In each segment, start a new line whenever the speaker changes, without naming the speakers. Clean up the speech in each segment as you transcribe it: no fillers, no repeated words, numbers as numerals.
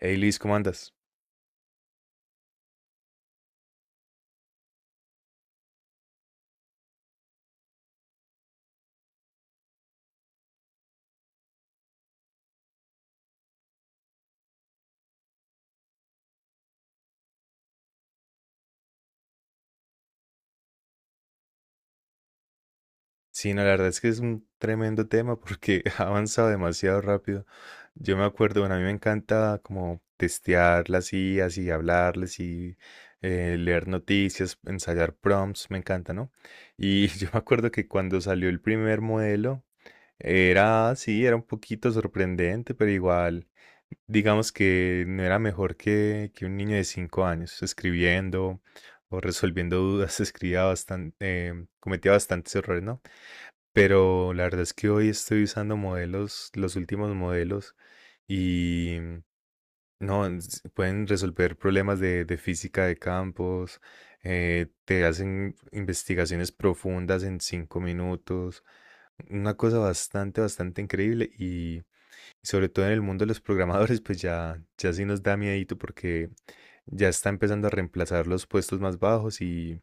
Hey Luis, ¿cómo andas? Sí, no, la verdad es que es un tremendo tema porque ha avanzado demasiado rápido. Yo me acuerdo, bueno, a mí me encanta como testear las IAs y hablarles y leer noticias, ensayar prompts, me encanta, ¿no? Y yo me acuerdo que cuando salió el primer modelo, era, sí, era un poquito sorprendente, pero igual, digamos que no era mejor que un niño de cinco años escribiendo o resolviendo dudas, escribía bastante, cometía bastantes errores, ¿no? Pero la verdad es que hoy estoy usando modelos, los últimos modelos, y no, pueden resolver problemas de física de campos, te hacen investigaciones profundas en cinco minutos. Una cosa bastante, bastante increíble y sobre todo en el mundo de los programadores, pues ya, ya sí nos da miedito porque ya está empezando a reemplazar los puestos más bajos y,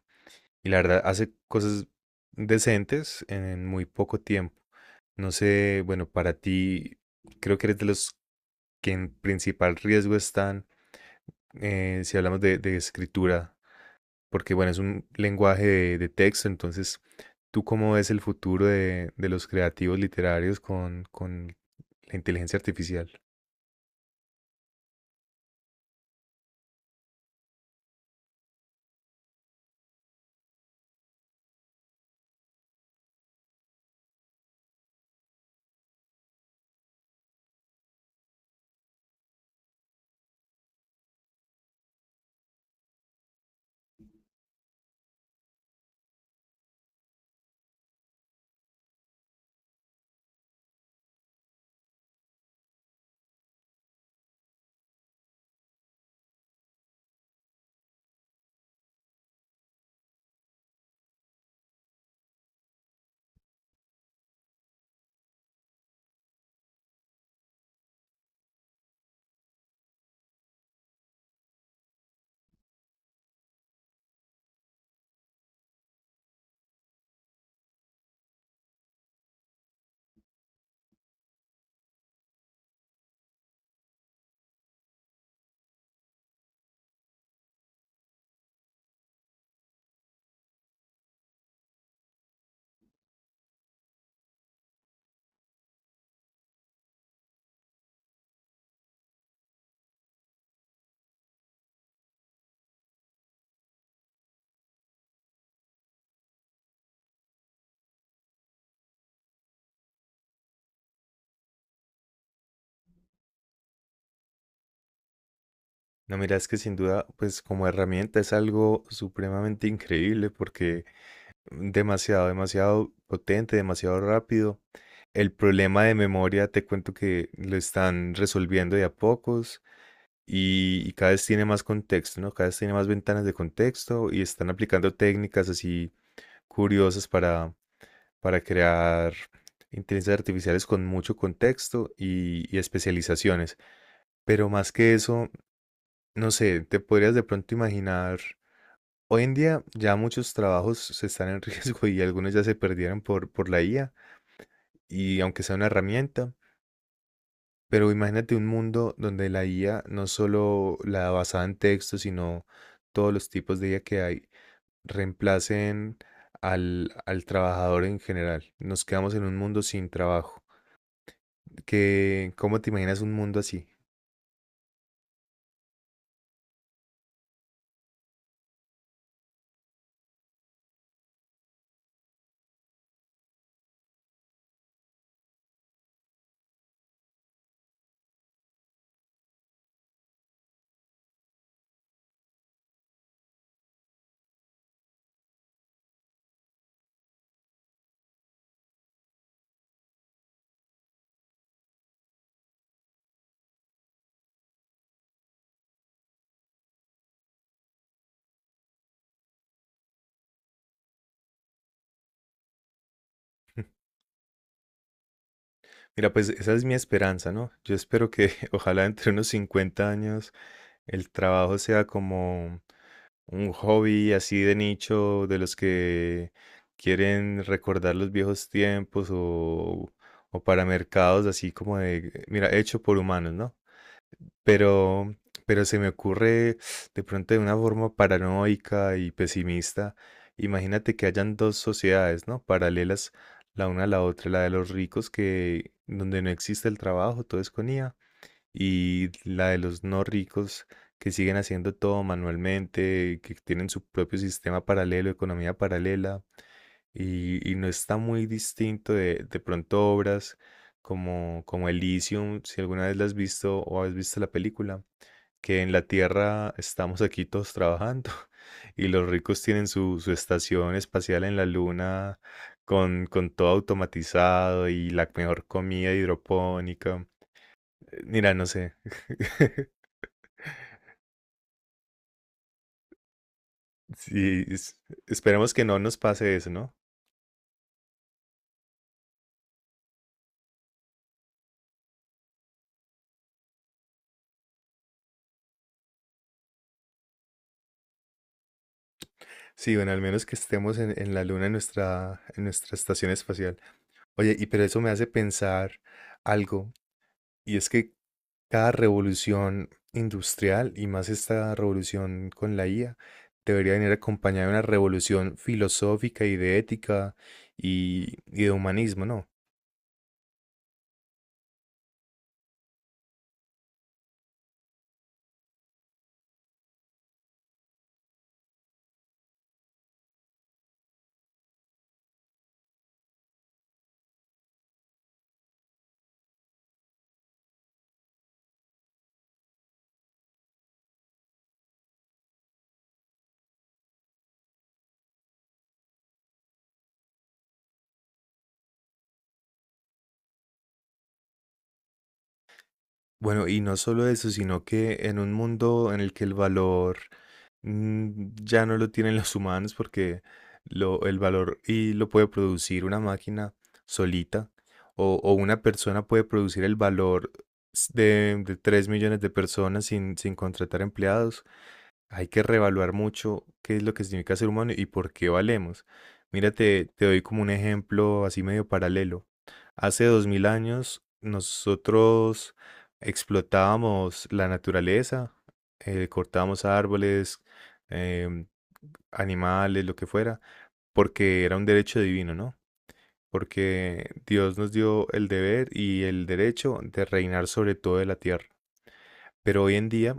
y la verdad hace cosas decentes en muy poco tiempo. No sé, bueno, para ti creo que eres de los que en principal riesgo están, si hablamos de escritura, porque bueno, es un lenguaje de texto, entonces, ¿tú cómo ves el futuro de los creativos literarios con la inteligencia artificial? No, mira, es que sin duda, pues como herramienta es algo supremamente increíble porque demasiado, demasiado potente, demasiado rápido. El problema de memoria, te cuento que lo están resolviendo de a pocos y cada vez tiene más contexto, ¿no? Cada vez tiene más ventanas de contexto y están aplicando técnicas así curiosas para crear inteligencias artificiales con mucho contexto y especializaciones. Pero más que eso, no sé, te podrías de pronto imaginar, hoy en día ya muchos trabajos se están en riesgo y algunos ya se perdieron por la IA, y aunque sea una herramienta, pero imagínate un mundo donde la IA, no solo la basada en texto, sino todos los tipos de IA que hay, reemplacen al trabajador en general. Nos quedamos en un mundo sin trabajo. Que, ¿cómo te imaginas un mundo así? Mira, pues esa es mi esperanza, ¿no? Yo espero que ojalá entre unos 50 años el trabajo sea como un hobby así de nicho, de los que quieren recordar los viejos tiempos o para mercados así como de, mira, hecho por humanos, ¿no? Pero, pero se me ocurre de pronto de una forma paranoica y pesimista. Imagínate que hayan dos sociedades, ¿no? Paralelas la una a la otra, la de los ricos, que donde no existe el trabajo, todo es con IA, y la de los no ricos que siguen haciendo todo manualmente, que tienen su propio sistema paralelo, economía paralela, y no está muy distinto de pronto obras como Elysium, si alguna vez la has visto o has visto la película, que en la Tierra estamos aquí todos trabajando y los ricos tienen su estación espacial en la Luna con todo automatizado y la mejor comida hidropónica. Mira, no sé, sí, esperemos que no nos pase eso, ¿no? Sí, bueno, al menos que estemos en la Luna en nuestra estación espacial. Oye, y pero eso me hace pensar algo. Y es que cada revolución industrial y más esta revolución con la IA debería venir acompañada de una revolución filosófica y de ética y de humanismo, ¿no? Bueno, y no solo eso, sino que en un mundo en el que el valor ya no lo tienen los humanos, porque el valor y lo puede producir una máquina solita, o una persona puede producir el valor de 3 millones de personas sin contratar empleados, hay que reevaluar mucho qué es lo que significa ser humano y por qué valemos. Mira, te doy como un ejemplo así medio paralelo. Hace dos mil años nosotros explotábamos la naturaleza, cortábamos árboles, em, animales, lo que fuera, porque era un derecho divino, ¿no? Porque Dios nos dio el deber y el derecho de reinar sobre toda la tierra. Pero hoy en día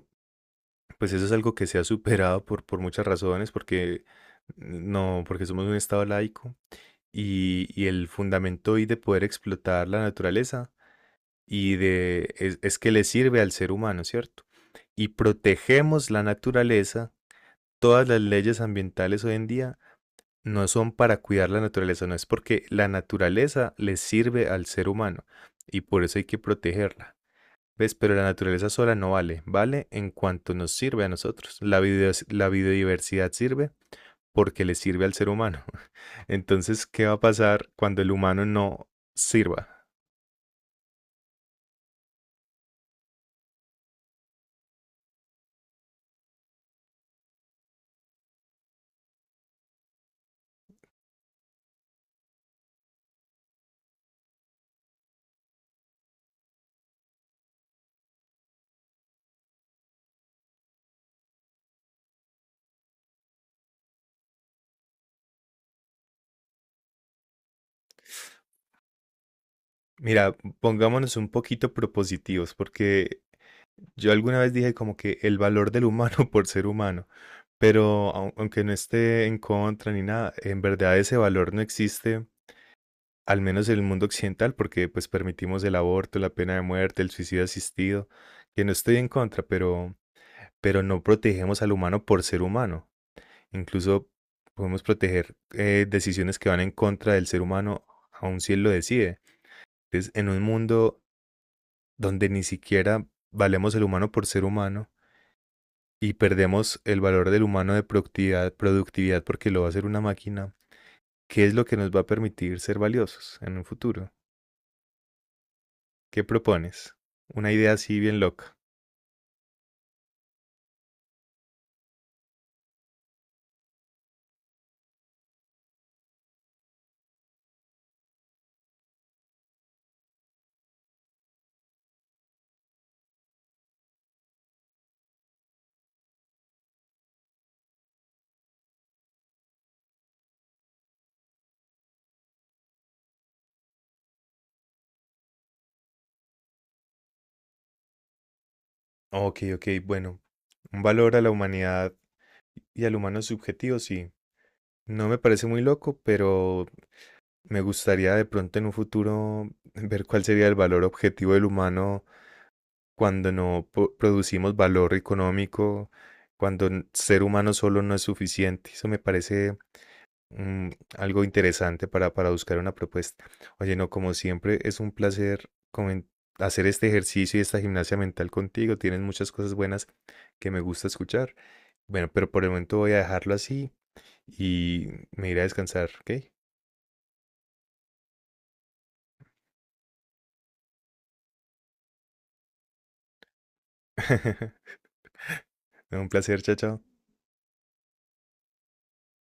pues eso es algo que se ha superado por muchas razones, porque no, porque somos un estado laico y el fundamento hoy de poder explotar la naturaleza y de es que le sirve al ser humano, ¿cierto? Y protegemos la naturaleza, todas las leyes ambientales hoy en día no son para cuidar la naturaleza, no, es porque la naturaleza le sirve al ser humano y por eso hay que protegerla. ¿Ves? Pero la naturaleza sola no vale, vale en cuanto nos sirve a nosotros. La la biodiversidad sirve porque le sirve al ser humano. Entonces, ¿qué va a pasar cuando el humano no sirva? Mira, pongámonos un poquito propositivos, porque yo alguna vez dije como que el valor del humano por ser humano, pero aunque no esté en contra ni nada, en verdad ese valor no existe. Al menos en el mundo occidental, porque pues permitimos el aborto, la pena de muerte, el suicidio asistido, que no estoy en contra, pero no protegemos al humano por ser humano. Incluso podemos proteger decisiones que van en contra del ser humano, aun si él lo decide. Entonces, en un mundo donde ni siquiera valemos el humano por ser humano y perdemos el valor del humano de productividad, productividad porque lo va a hacer una máquina, ¿qué es lo que nos va a permitir ser valiosos en un futuro? ¿Qué propones? Una idea así bien loca. Ok, ok, bueno. Un valor a la humanidad y al humano subjetivo, sí. No me parece muy loco, pero me gustaría de pronto en un futuro ver cuál sería el valor objetivo del humano cuando no producimos valor económico, cuando ser humano solo no es suficiente. Eso me parece Mm, algo interesante para buscar una propuesta. Oye, no, como siempre, es un placer hacer este ejercicio y esta gimnasia mental contigo. Tienes muchas cosas buenas que me gusta escuchar. Bueno, pero por el momento voy a dejarlo así y me iré a descansar, ¿ok? Un placer, chao, chao.